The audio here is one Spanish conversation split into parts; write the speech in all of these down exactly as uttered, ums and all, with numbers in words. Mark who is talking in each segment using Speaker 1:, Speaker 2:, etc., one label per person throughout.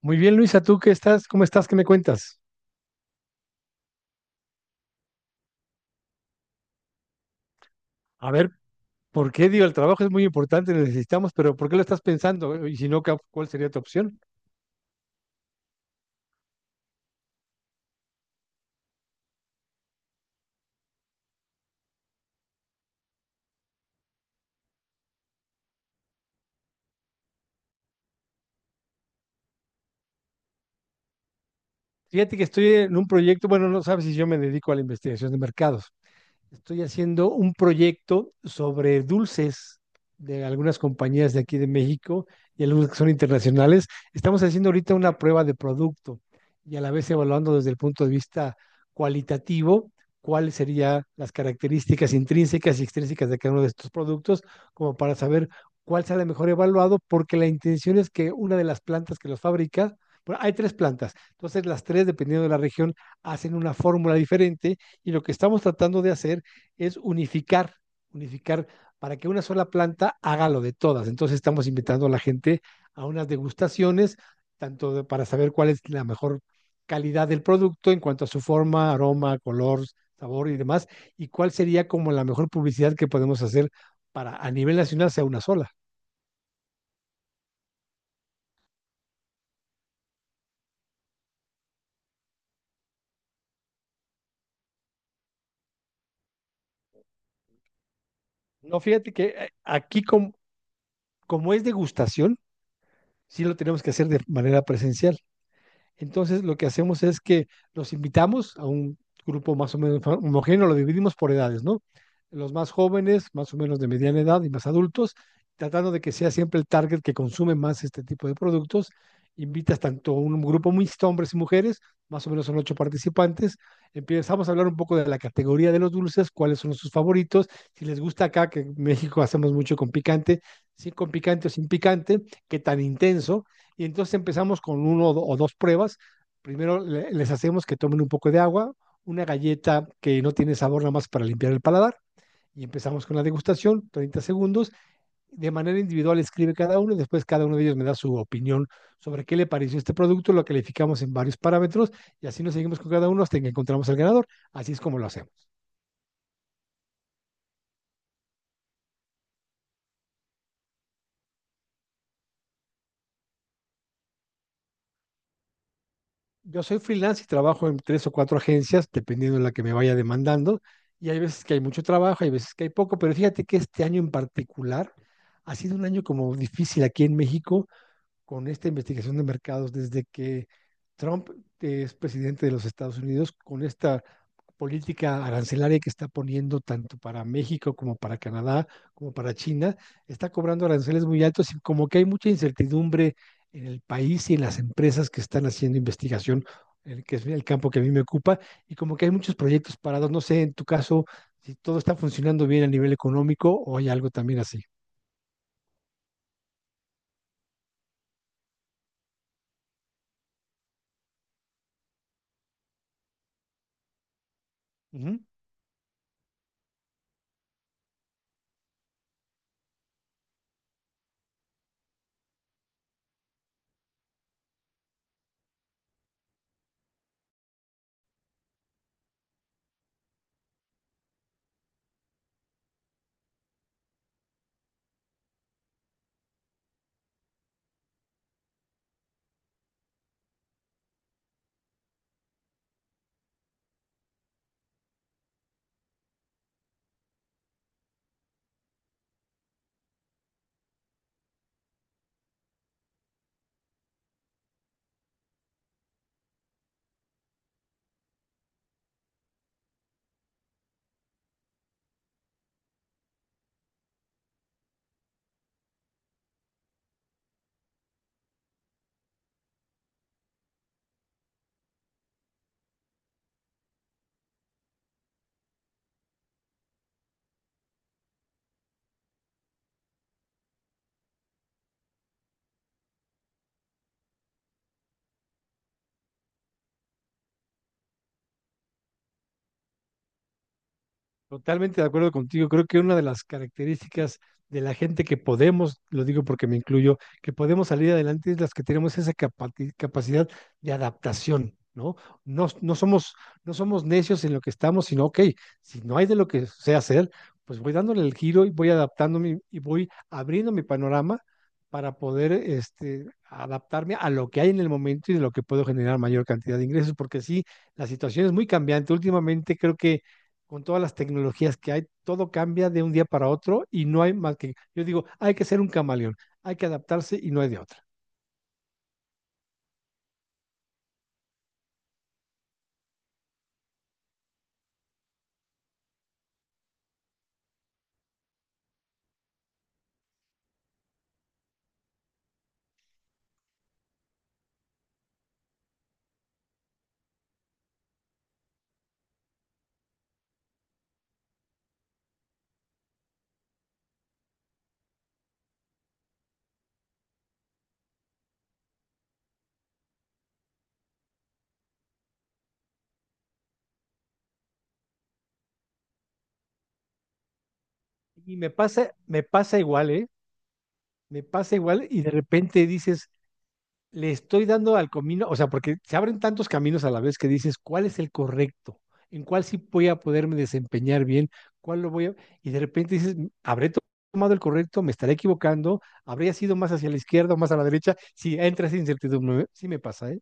Speaker 1: Muy bien, Luisa, ¿tú qué estás? ¿Cómo estás? ¿Qué me cuentas? A ver, ¿por qué digo, el trabajo es muy importante, lo necesitamos, pero ¿por qué lo estás pensando? Y si no, ¿ca- ¿cuál sería tu opción? Fíjate que estoy en un proyecto, bueno, no sabes si yo me dedico a la investigación de mercados. Estoy haciendo un proyecto sobre dulces de algunas compañías de aquí de México y algunas que son internacionales. Estamos haciendo ahorita una prueba de producto y a la vez evaluando desde el punto de vista cualitativo cuáles serían las características intrínsecas y extrínsecas de cada uno de estos productos, como para saber cuál sale mejor evaluado, porque la intención es que una de las plantas que los fabrica, bueno, hay tres plantas, entonces las tres, dependiendo de la región, hacen una fórmula diferente y lo que estamos tratando de hacer es unificar, unificar para que una sola planta haga lo de todas. Entonces estamos invitando a la gente a unas degustaciones, tanto de, para saber cuál es la mejor calidad del producto en cuanto a su forma, aroma, color, sabor y demás, y cuál sería como la mejor publicidad que podemos hacer para a nivel nacional sea una sola. No, fíjate que eh, aquí como, como es degustación, sí lo tenemos que hacer de manera presencial. Entonces, lo que hacemos es que los invitamos a un grupo más o menos homogéneo, lo dividimos por edades, ¿no? Los más jóvenes, más o menos de mediana edad y más adultos, tratando de que sea siempre el target que consume más este tipo de productos. Invitas tanto a un grupo mixto, hombres y mujeres, más o menos son ocho participantes. Empezamos a hablar un poco de la categoría de los dulces, cuáles son sus favoritos, si les gusta acá, que en México hacemos mucho con picante, si con picante o sin picante, qué tan intenso. Y entonces empezamos con uno o do- o dos pruebas. Primero le- les hacemos que tomen un poco de agua, una galleta que no tiene sabor nada más para limpiar el paladar. Y empezamos con la degustación, treinta segundos. De manera individual escribe cada uno y después cada uno de ellos me da su opinión sobre qué le pareció este producto, lo calificamos en varios parámetros y así nos seguimos con cada uno hasta que encontramos al ganador. Así es como lo hacemos. Yo soy freelance y trabajo en tres o cuatro agencias, dependiendo de la que me vaya demandando. Y hay veces que hay mucho trabajo, hay veces que hay poco, pero fíjate que este año en particular ha sido un año como difícil aquí en México con esta investigación de mercados desde que Trump eh, es presidente de los Estados Unidos, con este política arancelaria que está poniendo tanto para México como para Canadá, como para China, está cobrando aranceles muy altos y como que hay mucha incertidumbre en el país y en las empresas que están haciendo investigación, el que es el campo que a mí me ocupa, y como que hay muchos proyectos parados. No sé, en tu caso, si todo está funcionando bien a nivel económico o hay algo también así. Ujú. Totalmente de acuerdo contigo. Creo que una de las características de la gente que podemos, lo digo porque me incluyo, que podemos salir adelante es las que tenemos esa capati- capacidad de adaptación, ¿no? No, no somos, no somos necios en lo que estamos, sino, ok, si no hay de lo que sé hacer, pues voy dándole el giro y voy adaptándome y voy abriendo mi panorama para poder este, adaptarme a lo que hay en el momento y de lo que puedo generar mayor cantidad de ingresos, porque sí, la situación es muy cambiante. Últimamente creo que con todas las tecnologías que hay, todo cambia de un día para otro y no hay más que, yo digo, hay que ser un camaleón, hay que adaptarse y no hay de otra. Y me pasa, me pasa igual, ¿eh? Me pasa igual y de repente dices, le estoy dando al camino, o sea, porque se abren tantos caminos a la vez que dices, ¿cuál es el correcto? ¿En cuál sí voy a poderme desempeñar bien? ¿Cuál lo voy a...? Y de repente dices, ¿habré tomado el correcto? ¿Me estaré equivocando? ¿Habría sido más hacia la izquierda o más a la derecha? Si entra esa incertidumbre, ¿eh? Sí me pasa, ¿eh?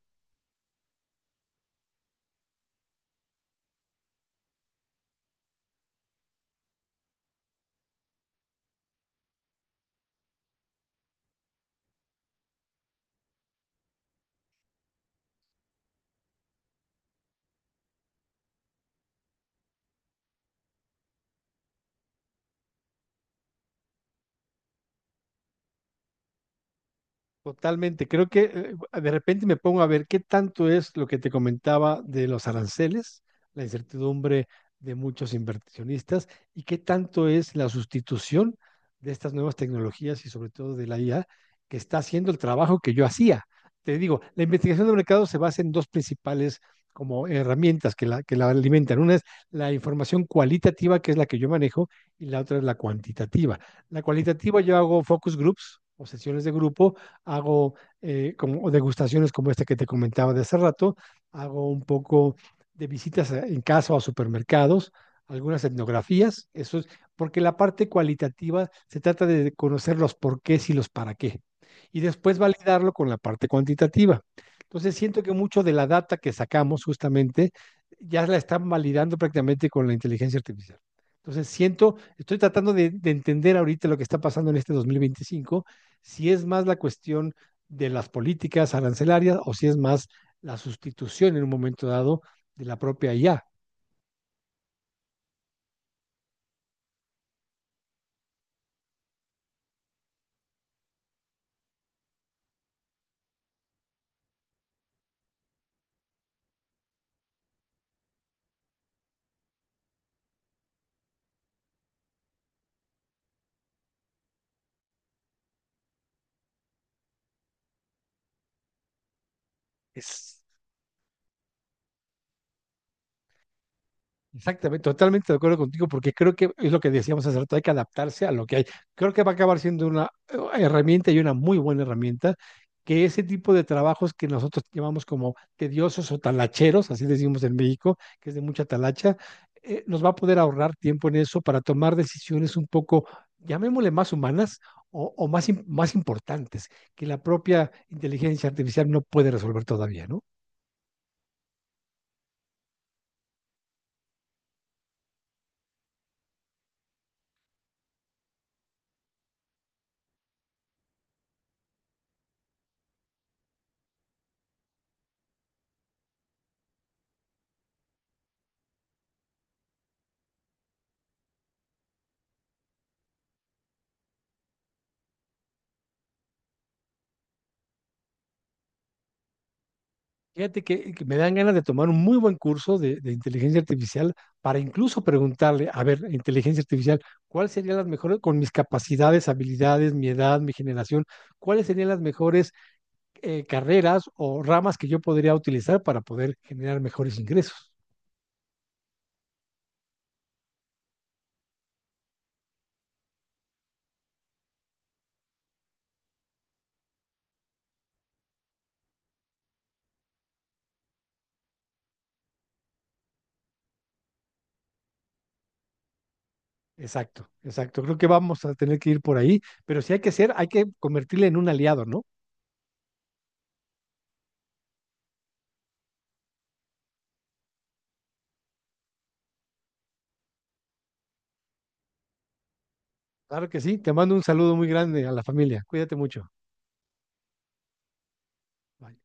Speaker 1: Totalmente, creo que eh, eh, de repente me pongo a ver qué tanto es lo que te comentaba de los aranceles, la incertidumbre de muchos inversionistas y qué tanto es la sustitución de estas nuevas tecnologías y sobre todo de la I A que está haciendo el trabajo que yo hacía. Te digo, la investigación de mercado se basa en dos principales como herramientas que la, que la alimentan. Una es la información cualitativa, que es la que yo manejo, y la otra es la cuantitativa. La cualitativa yo hago focus groups o sesiones de grupo hago eh, como degustaciones como este que te comentaba de hace rato, hago un poco de visitas a- en casa o a supermercados, algunas etnografías, eso es, porque la parte cualitativa se trata de conocer los porqués y los para qué, y después validarlo con la parte cuantitativa. Entonces siento que mucho de la data que sacamos justamente ya la están validando prácticamente con la inteligencia artificial. Entonces siento, estoy tratando de, de entender ahorita lo que está pasando en este dos mil veinticinco si es más la cuestión de las políticas arancelarias o si es más la sustitución en un momento dado de la propia I A. Es Exactamente, totalmente de acuerdo contigo, porque creo que es lo que decíamos hace rato, hay que adaptarse a lo que hay. Creo que va a acabar siendo una eh, herramienta y una muy buena herramienta, que ese tipo de trabajos que nosotros llamamos como tediosos o talacheros, así decimos en México, que es de mucha talacha, eh, nos va a poder ahorrar tiempo en eso para tomar decisiones un poco, llamémosle más humanas o, o más, im- más importantes, que la propia inteligencia artificial no puede resolver todavía, ¿no? Fíjate que, que me dan ganas de tomar un muy buen curso de, de inteligencia artificial para incluso preguntarle, a ver, inteligencia artificial, ¿cuáles serían las mejores, con mis capacidades, habilidades, mi edad, mi generación, cuáles serían las mejores eh, carreras o ramas que yo podría utilizar para poder generar mejores ingresos? Exacto, exacto. Creo que vamos a tener que ir por ahí, pero si hay que ser, hay que convertirle en un aliado, ¿no? Claro que sí. Te mando un saludo muy grande a la familia. Cuídate mucho. Bye.